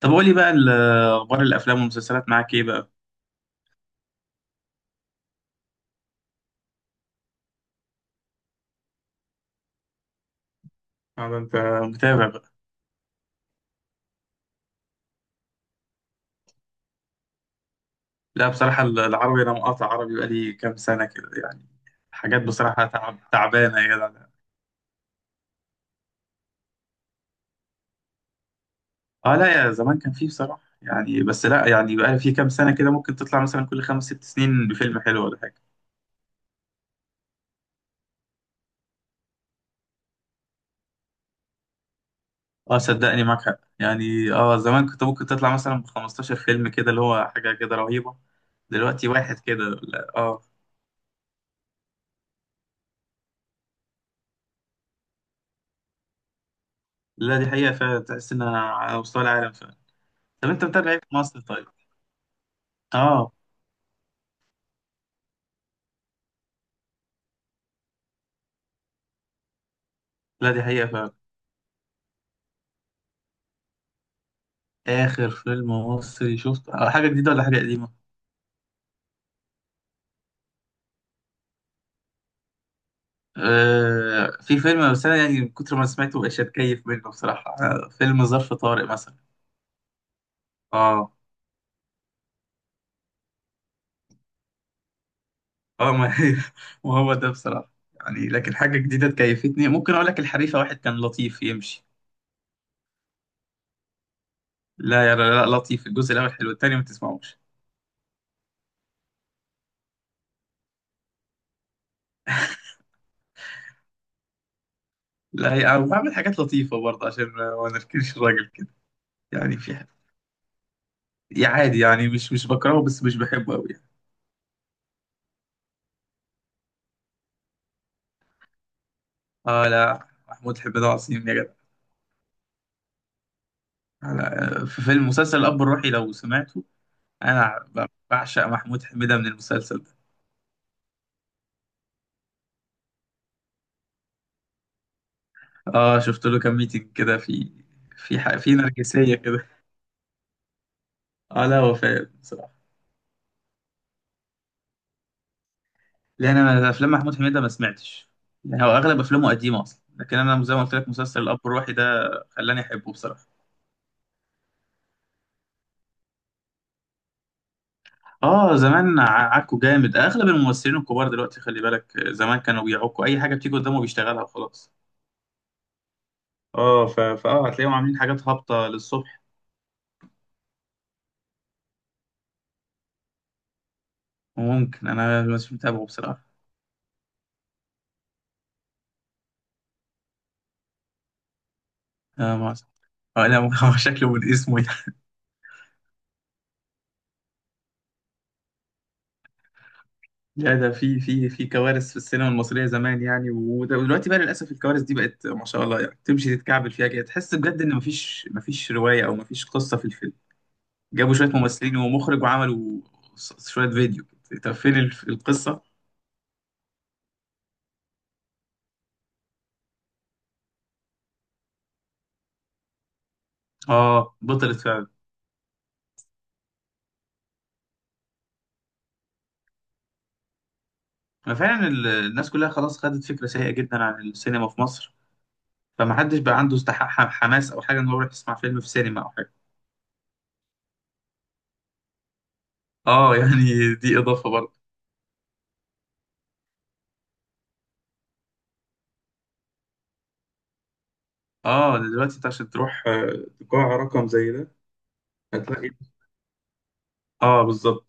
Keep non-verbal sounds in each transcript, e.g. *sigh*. طب قولي بقى اخبار الافلام والمسلسلات معاك ايه بقى؟ انت متابع بقى؟ لا، بصراحه العربي، انا مقاطع عربي بقالي كام سنه كده يعني. حاجات بصراحه تعبانه يا جدع. اه لا، يا زمان كان فيه بصراحه يعني، بس لا يعني بقى في كام سنه كده ممكن تطلع مثلا كل خمس ست سنين بفيلم حلو ولا حاجه. اه صدقني، معاك حق يعني. اه زمان كنت ممكن تطلع مثلا ب 15 فيلم كده، اللي هو حاجه كده رهيبه. دلوقتي واحد كده، لا اه. لا دي حقيقه، فعلا تحس انها على مستوى العالم فعلا. طب انت متابع ايه في مصر طيب؟ اه، لا دي حقيقة فعلا. آخر فيلم مصري شفته حاجة جديدة ولا حاجة قديمة؟ آه في فيلم، بس أنا يعني من كتر ما سمعته مبقاش أتكيف منه بصراحة. فيلم ظرف طارق مثلا. آه آه، ما هي *laughs* ما هو ده بصراحة يعني، لكن حاجة جديدة تكيفتني ممكن أقول لك الحريفة واحد، كان لطيف يمشي. لا لا، لطيف. الجزء الأول حلو، التاني ما تسمعوش. لا، أنا بعمل حاجات لطيفة برضه عشان ما نركنش الراجل كده. يعني في حاجة. يعني عادي، يعني مش بكرهه، بس مش بحبه أوي يعني. آه لا، محمود حميد عظيم يا جدع. أنا في فيلم مسلسل الأب الروحي لو سمعته. أنا بعشق محمود حميدة من المسلسل ده. آه شفت له كام ميتنج كده في. في نرجسية كده. آه لا، هو فاهم بصراحة. لأن أنا أفلام محمود حميدة ما سمعتش، يعني هو أغلب أفلامه قديمة أصلا. لكن أنا زي ما قلت لك مسلسل الأب الروحي ده خلاني أحبه بصراحة. آه زمان عكوا جامد. أغلب الممثلين الكبار دلوقتي، خلي بالك، زمان كانوا بيعكوا أي حاجة بتيجي قدامه بيشتغلها وخلاص. آه ف... فآه هتلاقيهم عاملين حاجات هابطة للصبح. ممكن، انا مش متابعه بصراحه. آه، ما أعرف. آه لا ممكن. *laughs* هو شكله من اسمه يعني. *laughs* لا، ده في كوارث في السينما المصريه زمان يعني. ودلوقتي بقى للاسف الكوارث دي بقت ما شاء الله، يعني تمشي تتكعبل فيها كده. تحس بجد ان مفيش روايه او مفيش قصه في الفيلم. جابوا شويه ممثلين ومخرج وعملوا شويه فيديو. طب فين القصه؟ اه بطلت فعلا. ففعلا الناس كلها خلاص خدت فكره سيئه جدا عن السينما في مصر. فمحدش بقى عنده استحق حماس او حاجه ان هو يروح يسمع فيلم في سينما. اه يعني دي اضافه برضه. اه دلوقتي انت عشان تروح، قاع رقم زي ده هتلاقي. اه بالظبط.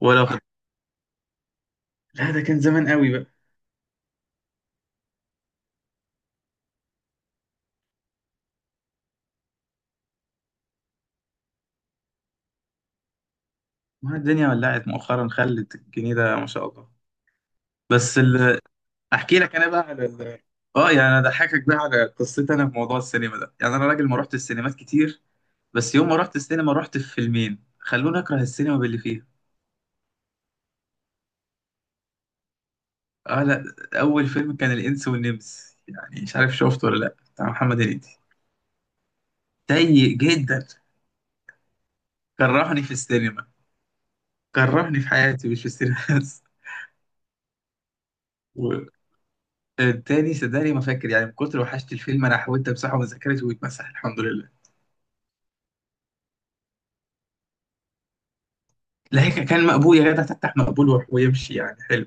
ولو خد... لا ده كان زمان قوي بقى. ما الدنيا ولعت مؤخرا، خلت الجنيه ده ما شاء الله. بس ال... احكي لك انا بقى على اه يعني انا اضحكك بقى على قصتي. انا في موضوع السينما ده يعني انا راجل ما رحت السينمات كتير. بس يوم ما رحت السينما، رحت في فيلمين خلوني اكره السينما باللي فيها. اه لا، اول فيلم كان الانس والنمس، يعني مش عارف شفته ولا لا، بتاع محمد هنيدي. سيء جدا. كرهني في السينما. كرهني في حياتي، مش في السينما بس. والتاني صدقني ما فاكر، يعني من كتر وحشت الفيلم انا حاولت امسحه من ذاكرتي، ويتمسح الحمد لله. لا، هيك كان مقبول يا جدع. تفتح مقبول ويروح ويمشي يعني، حلو.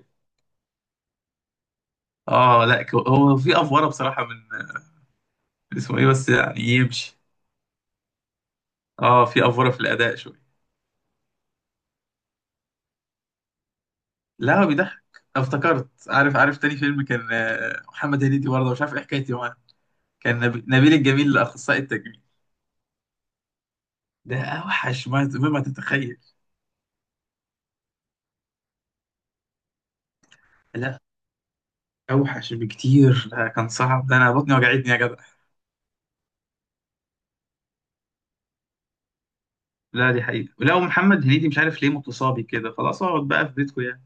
اه لا، هو في افوره بصراحه من اسمه ايه، بس يعني يمشي. اه في افوره في الاداء شويه. لا هو بيضحك. افتكرت. عارف تاني فيلم كان محمد هنيدي برضه، مش عارف ايه حكايتي معاه. كان نبيل الجميل الاخصائي التجميل. ده اوحش ما تتخيل. لا اوحش بكتير، ده كان صعب. ده انا بطني وجعتني يا جدع. لا دي حقيقة. لا، ومحمد هنيدي مش عارف ليه متصابي كده. خلاص، اقعد بقى في بيتكم يعني.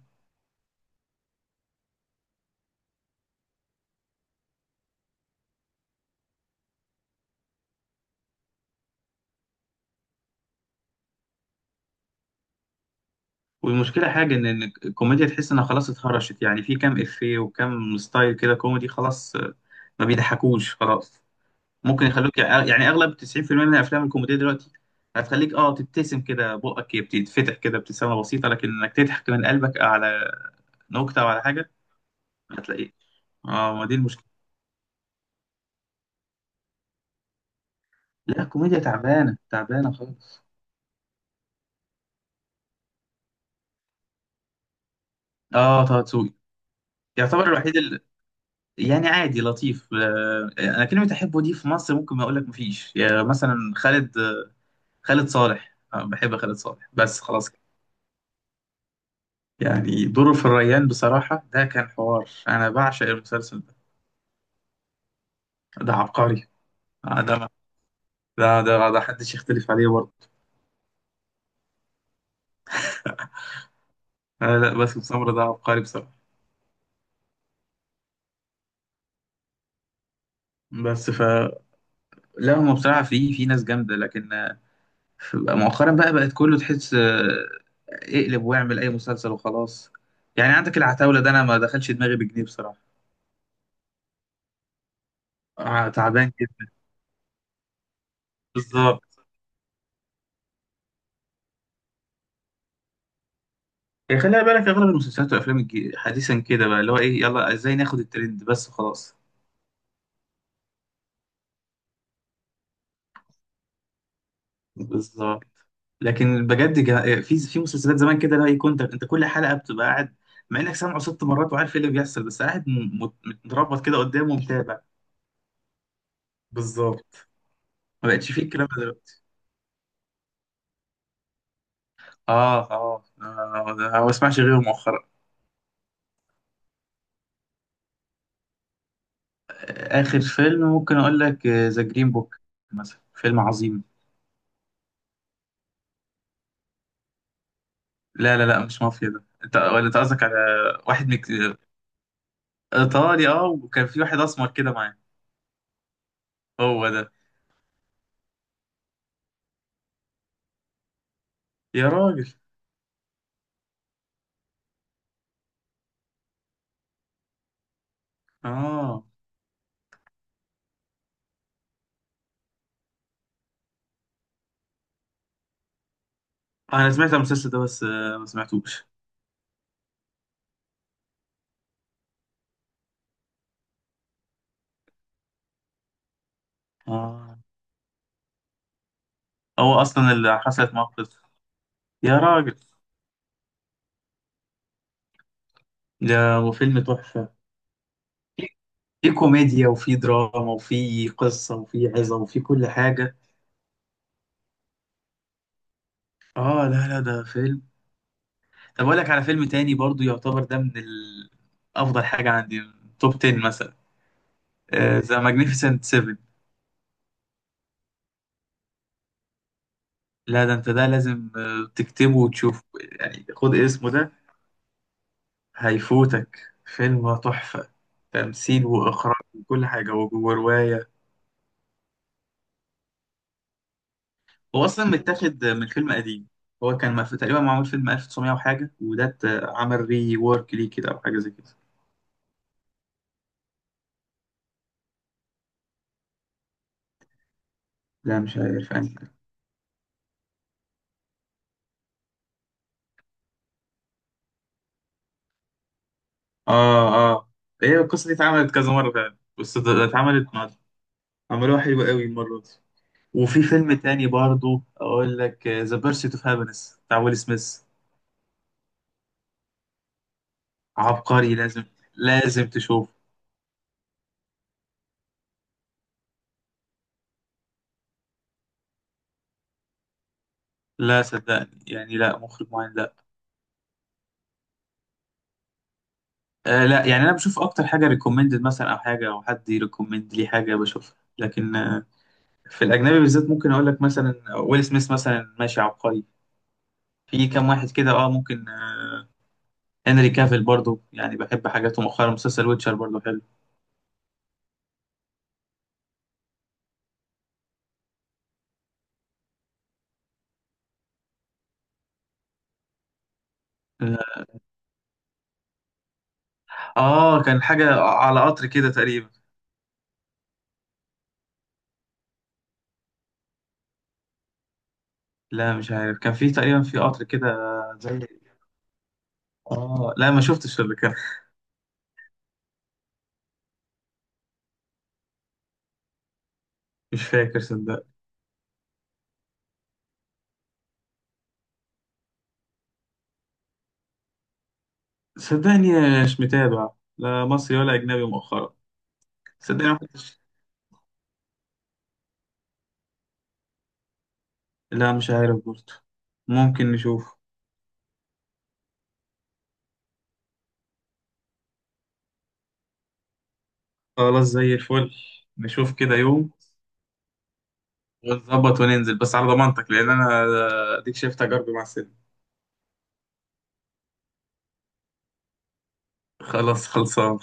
والمشكلة حاجة إن الكوميديا تحس انها خلاص اتهرشت. يعني في كام افيه وكام ستايل كده كوميدي خلاص ما بيضحكوش خلاص. ممكن يخلوك، يعني اغلب 90% من الافلام الكوميدية دلوقتي هتخليك، تبتسم كده بقك بتتفتح كده ابتسامة بسيطة، لكن انك تضحك من قلبك على نكتة وعلى حاجة هتلاقيه. اه، ما دي المشكلة. لا الكوميديا تعبانة تعبانة خالص. اه، طه دسوقي يعتبر الوحيد يعني عادي، لطيف. انا كلمه احبه دي في مصر ممكن ما اقول لك مفيش. يعني مثلا خالد، خالد صالح. بحب خالد صالح بس، خلاص كده. يعني دوره في الريان بصراحه ده كان حوار، انا بعشق المسلسل ده. ده عبقري. آه، ده حدش يختلف عليه برضه. آه، لا باسم سمرة ده عبقري بصراحه. بس ف لا هم بصراحه في ناس جامده، لكن فبقى مؤخرا بقت كله تحس اقلب واعمل اي مسلسل وخلاص. يعني عندك العتاولة ده انا ما دخلش دماغي بجنيه بصراحة. آه، تعبان جدا. بالظبط. يعني خليها بالك اغلب المسلسلات والافلام حديثا كده بقى اللي هو ايه، يلا ازاي ناخد الترند بس خلاص. بالظبط. لكن بجد، في مسلسلات زمان كده، لا كنت انت كل حلقة بتبقى قاعد مع انك سامعه ست مرات وعارف ايه اللي بيحصل، بس قاعد متربط كده قدامه ومتابع. بالظبط. ما بقتش فيه الكلام ده. اه اه، ده ما بسمعش غيره مؤخرا. آه، اخر فيلم ممكن اقول لك ذا جرين بوك مثلا، فيلم عظيم. لا لا لا، مش مافيا. ده انت ولا انت قصدك على واحد ايطالي، وكان في واحد اسمر كده معاه. هو ده. يا راجل. اه انا سمعت المسلسل ده بس ما سمعتوش. اه، هو اصلا اللي حصلت معاه قصة. يا راجل. ده وفيلم تحفة. في كوميديا وفي دراما وفي قصة وفي عظة وفي كل حاجة. اه لا لا ده فيلم. طب اقول لك على فيلم تاني برضو يعتبر ده من افضل حاجه عندي من توب 10 مثلا، ذا ماجنيفيسنت 7. لا ده انت ده لازم تكتبه وتشوفه. يعني خد اسمه ده، هيفوتك. فيلم تحفه، تمثيل واخراج وكل حاجه وجوه روايه. هو اصلا متاخد من فيلم قديم. هو كان تقريبا معمول فيلم 1900 وحاجه، وده عمل ري وورك ليه كده او حاجه زي كده. لا مش عارف أنا. اه اه. هي القصه دي اتعملت كذا مره فعلا، بس ده اتعملت. عملوها حلوة قوي المرة دي. وفي فيلم تاني برضو أقول لك ذا بيرسيت أوف هابينس بتاع ويل سميث. عبقري، لازم. لازم تشوفه. لا صدقني، يعني لا مخرج معين لا. آه لا، يعني أنا بشوف أكتر حاجة ريكومندد مثلا، أو حاجة أو حد يريكومند لي حاجة بشوفها، لكن آه في الأجنبي بالذات ممكن أقول لك مثلا ويل سميث مثلا، ماشي عبقري. في كام واحد كده، ممكن هنري كافيل برضو يعني بحب حاجاته مؤخرا. مسلسل ويتشر برضو حلو. اه كان حاجة على قطر كده تقريبا. لا مش عارف، كان في تقريبا في قطر كده زي. اه لا ما شفتش اللي كان. مش فاكر صدق. صدقني مش متابع، لا مصري ولا اجنبي مؤخرا. صدقني ما كنتش، لا مش عارف برضه. ممكن نشوف. خلاص زي الفل. نشوف كده يوم ونظبط وننزل. بس على ضمانتك، لان انا اديك شايف تجاربي مع السينما. خلاص، خلصان.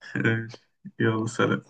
*laughs* يلا سلام.